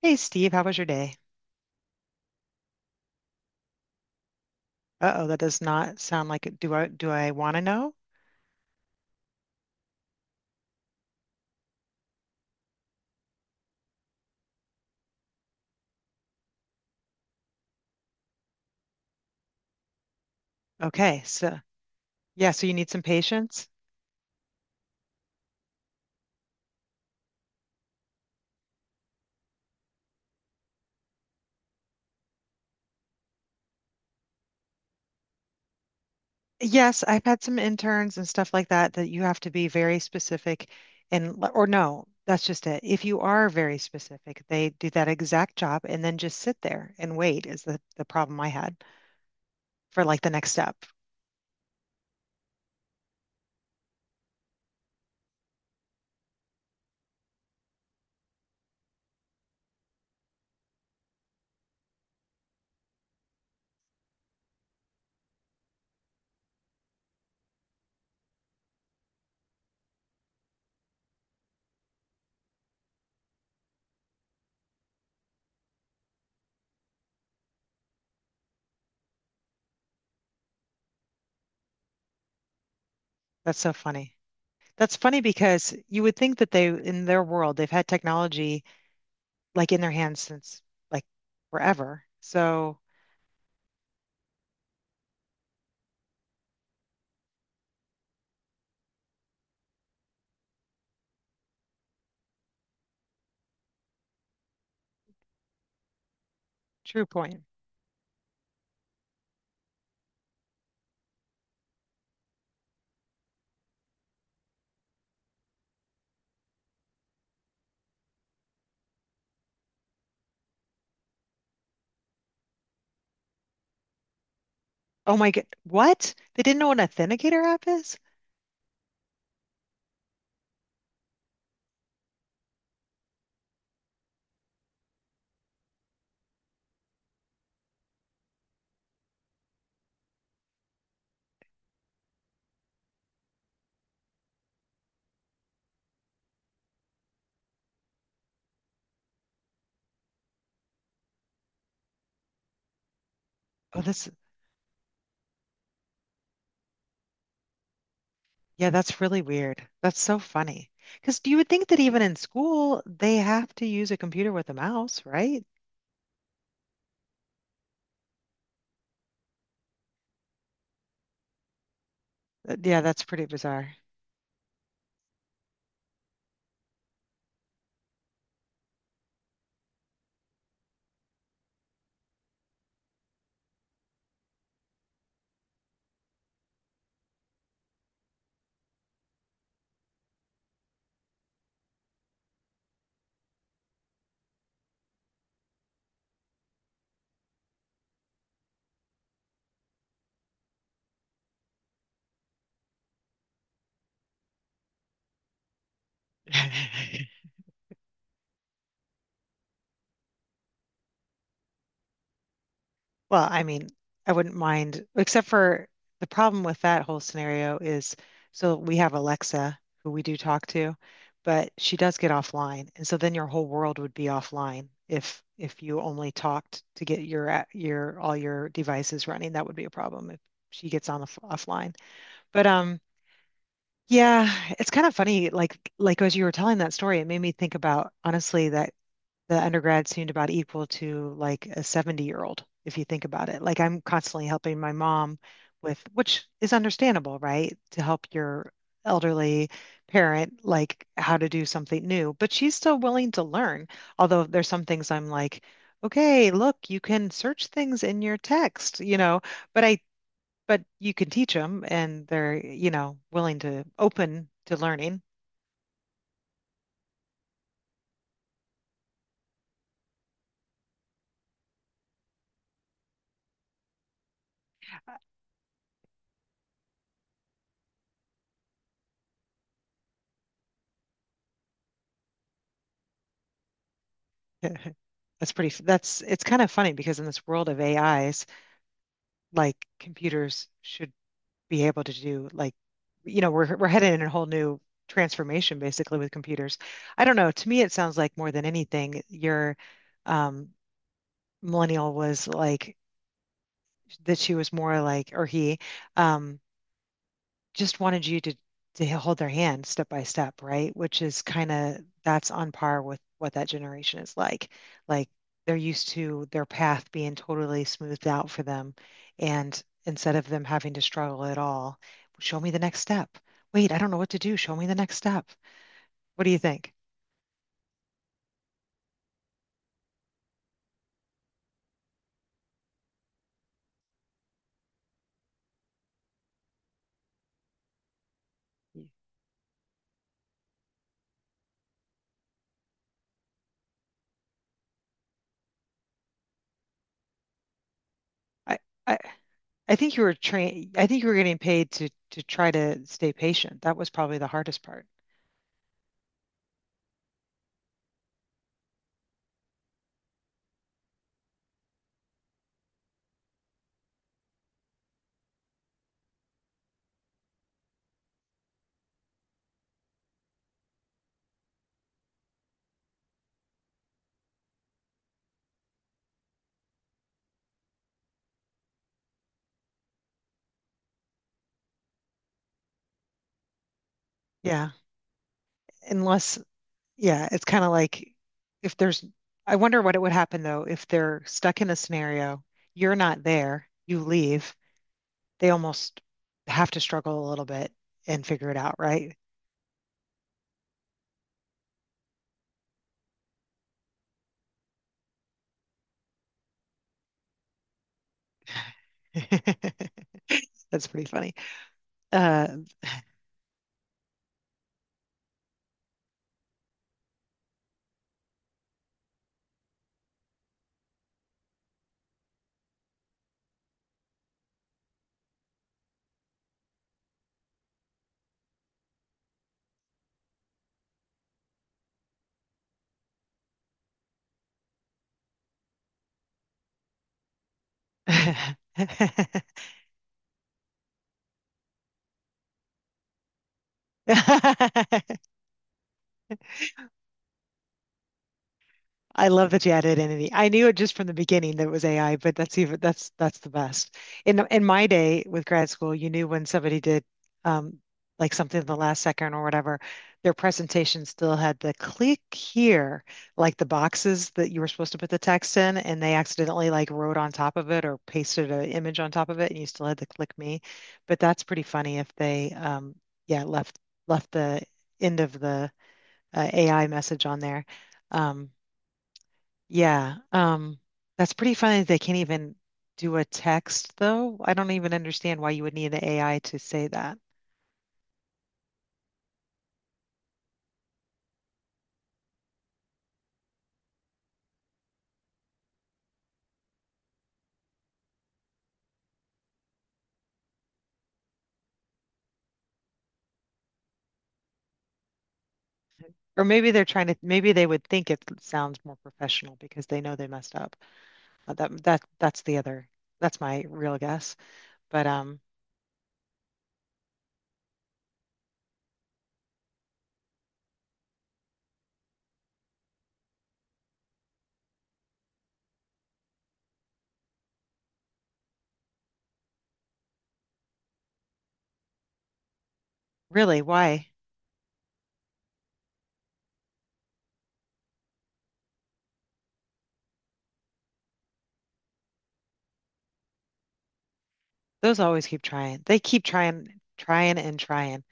Hey Steve, how was your day? Uh-oh, that does not sound like it. Do I want to know? Okay, so yeah, so you need some patience. Yes, I've had some interns and stuff like that that you have to be very specific or no, that's just it. If you are very specific, they do that exact job and then just sit there and wait is the problem I had for like the next step. That's so funny. That's funny because you would think that they in their world they've had technology like in their hands since like forever. So true point. Oh my God. What? They didn't know an authenticator app is? Oh, that's, yeah, that's really weird. That's so funny. Because you would think that even in school, they have to use a computer with a mouse, right? Yeah, that's pretty bizarre. Well, I mean, I wouldn't mind, except for the problem with that whole scenario is so we have Alexa, who we do talk to, but she does get offline. And so then your whole world would be offline if you only talked to get your your all your devices running. That would be a problem if she gets on the offline. But yeah, it's kind of funny like as you were telling that story, it made me think about honestly that the undergrad seemed about equal to like a 70-year-old, if you think about it. Like I'm constantly helping my mom with, which is understandable, right? To help your elderly parent, like how to do something new. But she's still willing to learn. Although there's some things I'm like, okay, look, you can search things in your text, you know, but I, but you can teach them and they're, you know, willing to open to learning. That's pretty, that's, it's kind of funny because in this world of AIs, like computers should be able to do like you know we're headed in a whole new transformation basically with computers. I don't know. To me, it sounds like more than anything, your um, millennial was like that she was more like or he um, just wanted you to hold their hand step by step, right? Which is kind of that's on par with what that generation is like. Like they're used to their path being totally smoothed out for them, and instead of them having to struggle at all, show me the next step. Wait, I don't know what to do. Show me the next step. What do you think? I I, I think you were trained. I think you were getting paid to try to stay patient. That was probably the hardest part. Yeah, unless yeah, it's kind of like if there's, I wonder what it would happen though if they're stuck in a scenario, you're not there, you leave, they almost have to struggle a little bit and figure it out, right? That's pretty funny. Uh, I love that you added entity. I knew it just from the beginning that it was AI, but that's even that's the best. In my day with grad school, you knew when somebody did um, like something in the last second or whatever, their presentation still had the click here, like the boxes that you were supposed to put the text in, and they accidentally like wrote on top of it or pasted an image on top of it, and you still had to click me. But that's pretty funny if they yeah left the end of the AI message on there. Um, yeah, that's pretty funny. That They can't even do a text, though. I don't even understand why you would need the AI to say that. Or maybe they're trying to, maybe they would think it sounds more professional because they know they messed up. That's the other. That's my real guess. But really, why? Those always keep trying. They keep trying, trying and trying.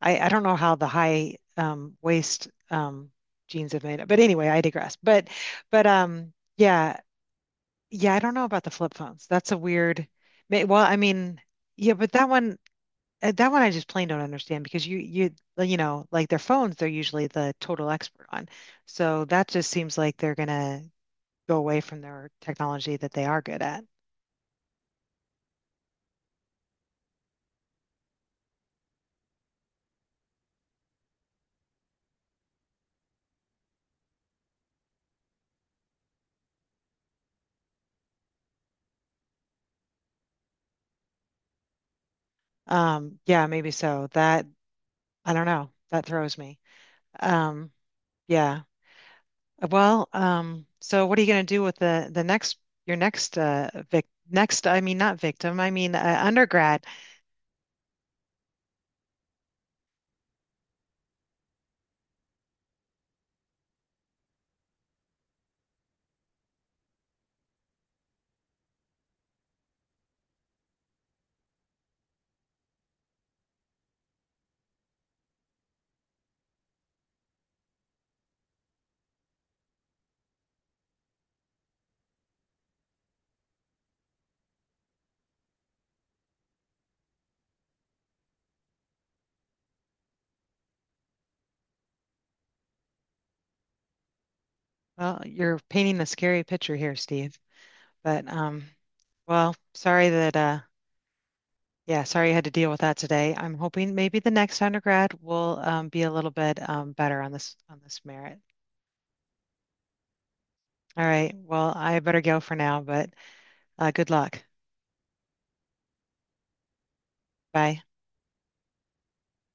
I don't know how the high waist jeans have made it. But anyway, I digress. But yeah yeah I don't know about the flip phones. That's a weird. Well, I mean yeah, but that one I just plain don't understand because you well, you know like their phones they're usually the total expert on. So that just seems like they're gonna go away from their technology that they are good at. Yeah, maybe so. That I don't know. That throws me. Um, yeah. Well, so what are you going to do with the next your next vic next I mean not victim, I mean undergrad. Well, you're painting a scary picture here, Steve. But well, sorry that yeah, sorry you had to deal with that today. I'm hoping maybe the next undergrad will be a little bit better on this merit. All right. Well, I better go for now, but good luck. Bye.